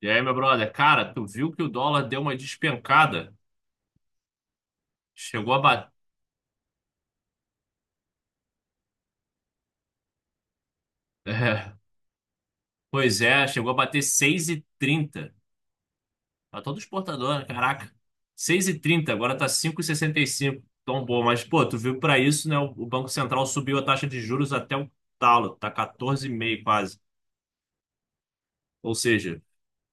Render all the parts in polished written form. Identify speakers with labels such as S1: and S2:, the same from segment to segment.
S1: E aí, meu brother, cara, tu viu que o dólar deu uma despencada? Chegou a bater. Pois é, chegou a bater 6,30. Tá todo exportador, né? Caraca. 6,30. Agora tá 5,65. Tão bom, mas pô, tu viu pra isso, né? O Banco Central subiu a taxa de juros até o talo, tá 14,5 quase. Ou seja,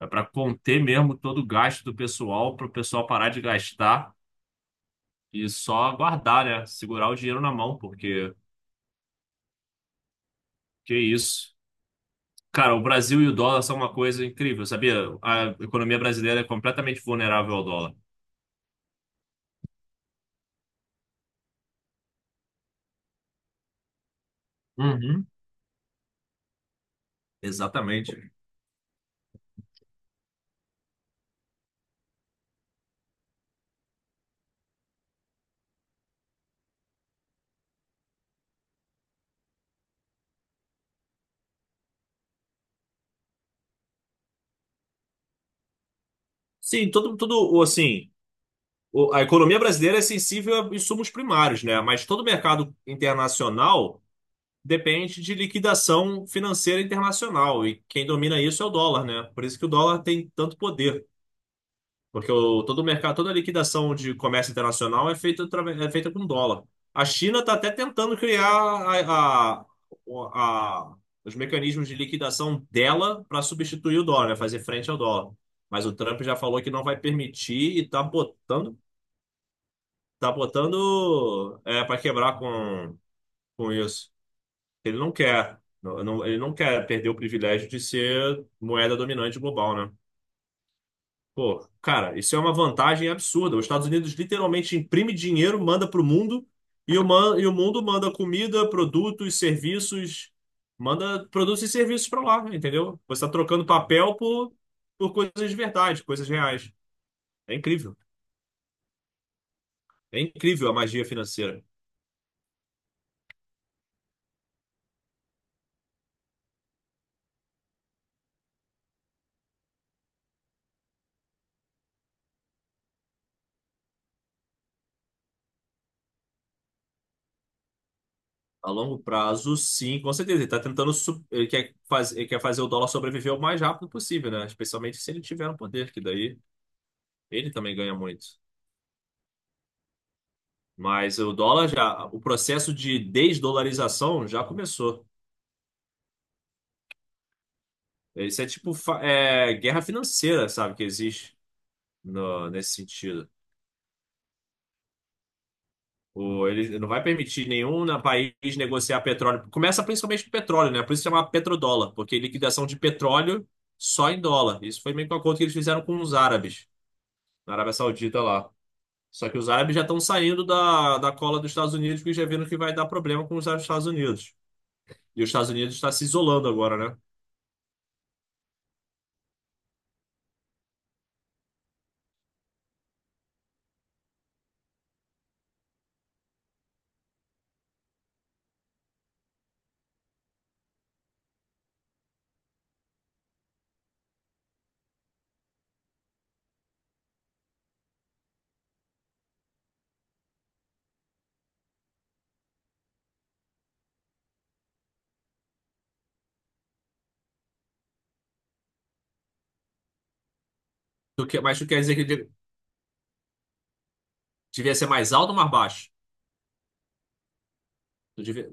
S1: é pra conter mesmo todo o gasto do pessoal, pro pessoal parar de gastar e só guardar, né? Segurar o dinheiro na mão, porque que isso. Cara, o Brasil e o dólar são uma coisa incrível, sabia? A economia brasileira é completamente vulnerável ao dólar. Uhum, exatamente. Sim, todo o, assim, a economia brasileira é sensível a insumos primários, né? Mas todo mercado internacional depende de liquidação financeira internacional e quem domina isso é o dólar, né? Por isso que o dólar tem tanto poder. Porque o, todo o mercado, toda a liquidação de comércio internacional é feita com dólar. A China está até tentando criar o- a- os mecanismos de liquidação dela para substituir o dólar, né? Fazer frente ao dólar. Mas o Trump já falou que não vai permitir e tá botando para quebrar com isso. Ele não quer perder o privilégio de ser moeda dominante global, né? Pô, cara, isso é uma vantagem absurda. Os Estados Unidos literalmente imprime dinheiro, manda para o mundo, e o mundo manda comida, produtos, serviços, manda produtos e serviços para lá, entendeu? Você está trocando papel por coisas de verdade, coisas reais. É incrível. É incrível a magia financeira. A longo prazo, sim, com certeza. Ele tá tentando. Ele quer fazer o dólar sobreviver o mais rápido possível, né? Especialmente se ele tiver no poder, que daí ele também ganha muito. Mas o dólar já. O processo de desdolarização já começou. Isso é tipo guerra financeira, sabe? Que existe no... nesse sentido. Ele não vai permitir nenhum país negociar petróleo. Começa principalmente com petróleo, né? Por isso chama petrodólar, porque liquidação de petróleo só em dólar. Isso foi meio que um acordo que eles fizeram com os árabes. Na Arábia Saudita lá. Só que os árabes já estão saindo da cola dos Estados Unidos, porque já viram que vai dar problema com os Estados Unidos. E os Estados Unidos está se isolando agora, né? Mas tu quer dizer que devia ser mais alto ou mais baixo? Tu devia-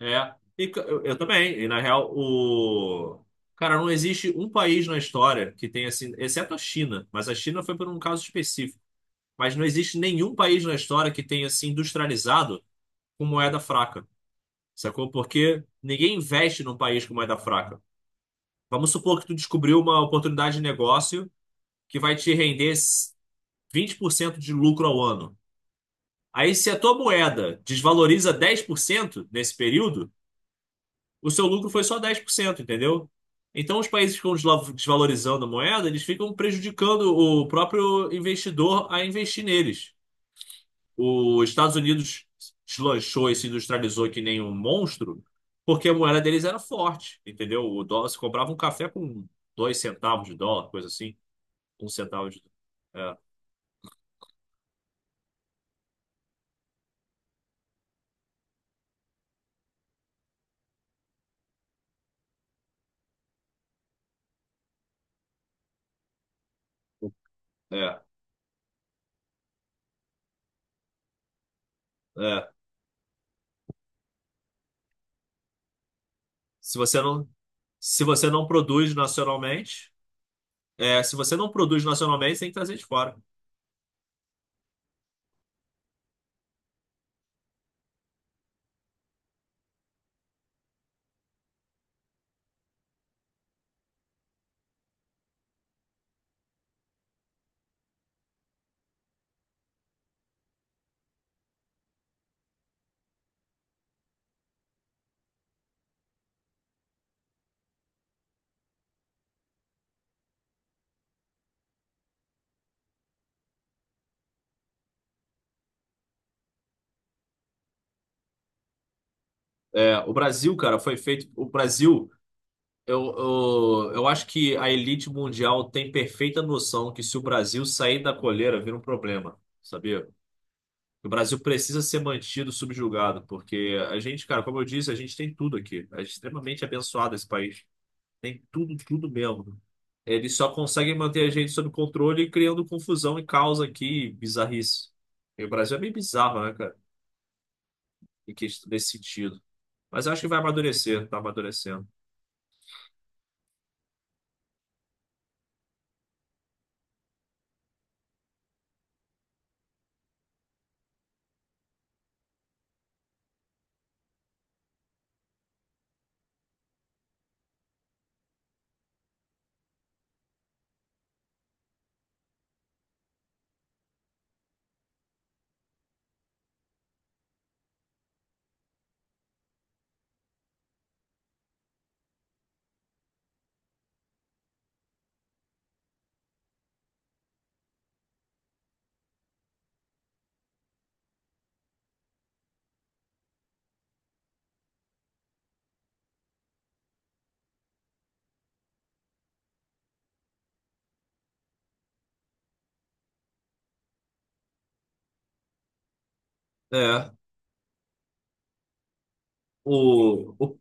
S1: É. Eu também. E na real, o. Cara, não existe um país na história que tenha assim, exceto a China, mas a China foi por um caso específico. Mas não existe nenhum país na história que tenha se industrializado com moeda fraca. Sacou? Porque ninguém investe num país com moeda fraca. Vamos supor que tu descobriu uma oportunidade de negócio que vai te render 20% de lucro ao ano. Aí, se a tua moeda desvaloriza 10% nesse período, o seu lucro foi só 10%, entendeu? Então, os países que ficam desvalorizando a moeda, eles ficam prejudicando o próprio investidor a investir neles. Os Estados Unidos deslanchou e se industrializou que nem um monstro, porque a moeda deles era forte, entendeu? O dólar, se comprava um café com 2 centavos de dólar, coisa assim. 1 centavo de. É, é, é. Se você não, Se você não produz nacionalmente, se você não produz nacionalmente, você tem que trazer de fora. É, o Brasil, cara, foi feito. O Brasil, eu, eu acho que a elite mundial tem perfeita noção que se o Brasil sair da coleira, vira um problema, sabia? O Brasil precisa ser mantido subjugado, porque a gente, cara, como eu disse, a gente tem tudo aqui. A gente é extremamente abençoado esse país. Tem tudo, tudo mesmo. Eles só conseguem manter a gente sob controle criando confusão e caos aqui, bizarrice. E o Brasil é bem bizarro, né, cara? Em questão desse sentido. Mas eu acho que vai amadurecer, tá amadurecendo. É. O, o,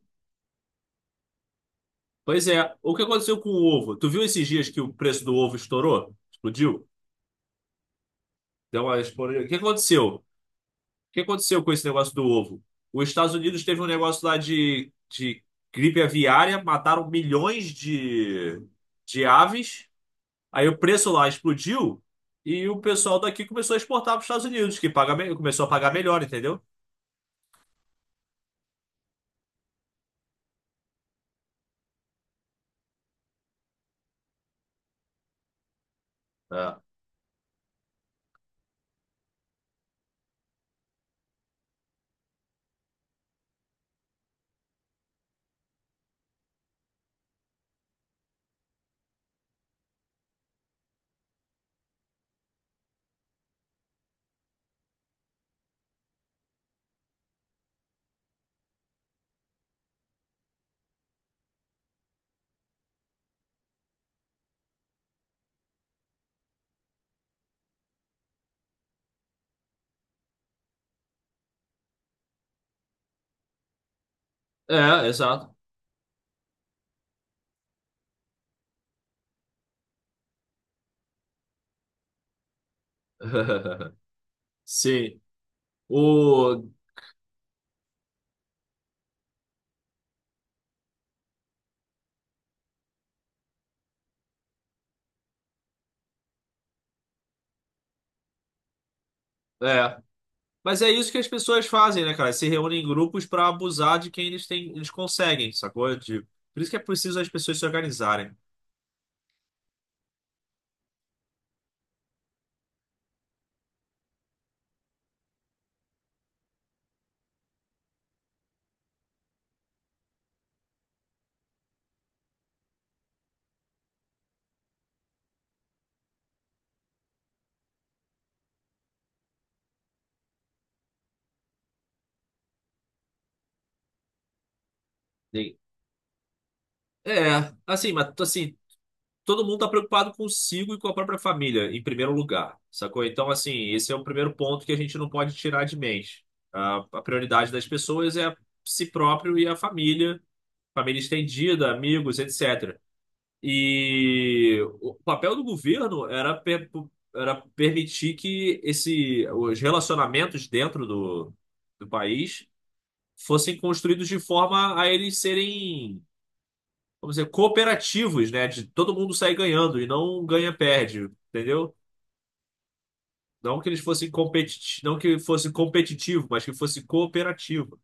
S1: pois é, o que aconteceu com o ovo? Tu viu esses dias que o preço do ovo estourou? Explodiu? Deu uma explodida. O que aconteceu? O que aconteceu com esse negócio do ovo? Os Estados Unidos teve um negócio lá de gripe aviária, mataram milhões de aves. Aí o preço lá explodiu e o pessoal daqui começou a exportar para os Estados Unidos, que começou a pagar melhor, entendeu? É, exato. Sim. O... É. Mas é isso que as pessoas fazem, né, cara? Se reúnem em grupos para abusar de quem eles têm, eles conseguem, sacou? De... Por isso que é preciso as pessoas se organizarem. Sim. É, assim, mas assim, todo mundo está preocupado consigo e com a própria família, em primeiro lugar, sacou? Então, assim, esse é o primeiro ponto que a gente não pode tirar de mente. A prioridade das pessoas é si próprio e a família, família estendida, amigos, etc. E o papel do governo era permitir que esse, os relacionamentos dentro do país fossem construídos de forma a eles serem vamos dizer, cooperativos, né? De todo mundo sair ganhando e não ganha-perde, entendeu? Não que eles fossem competitivos, não que fosse competitivo, mas que fosse cooperativo.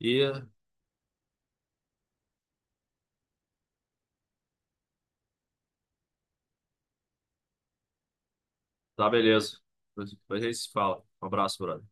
S1: E tá beleza. Depois a gente se fala. Um abraço, brother.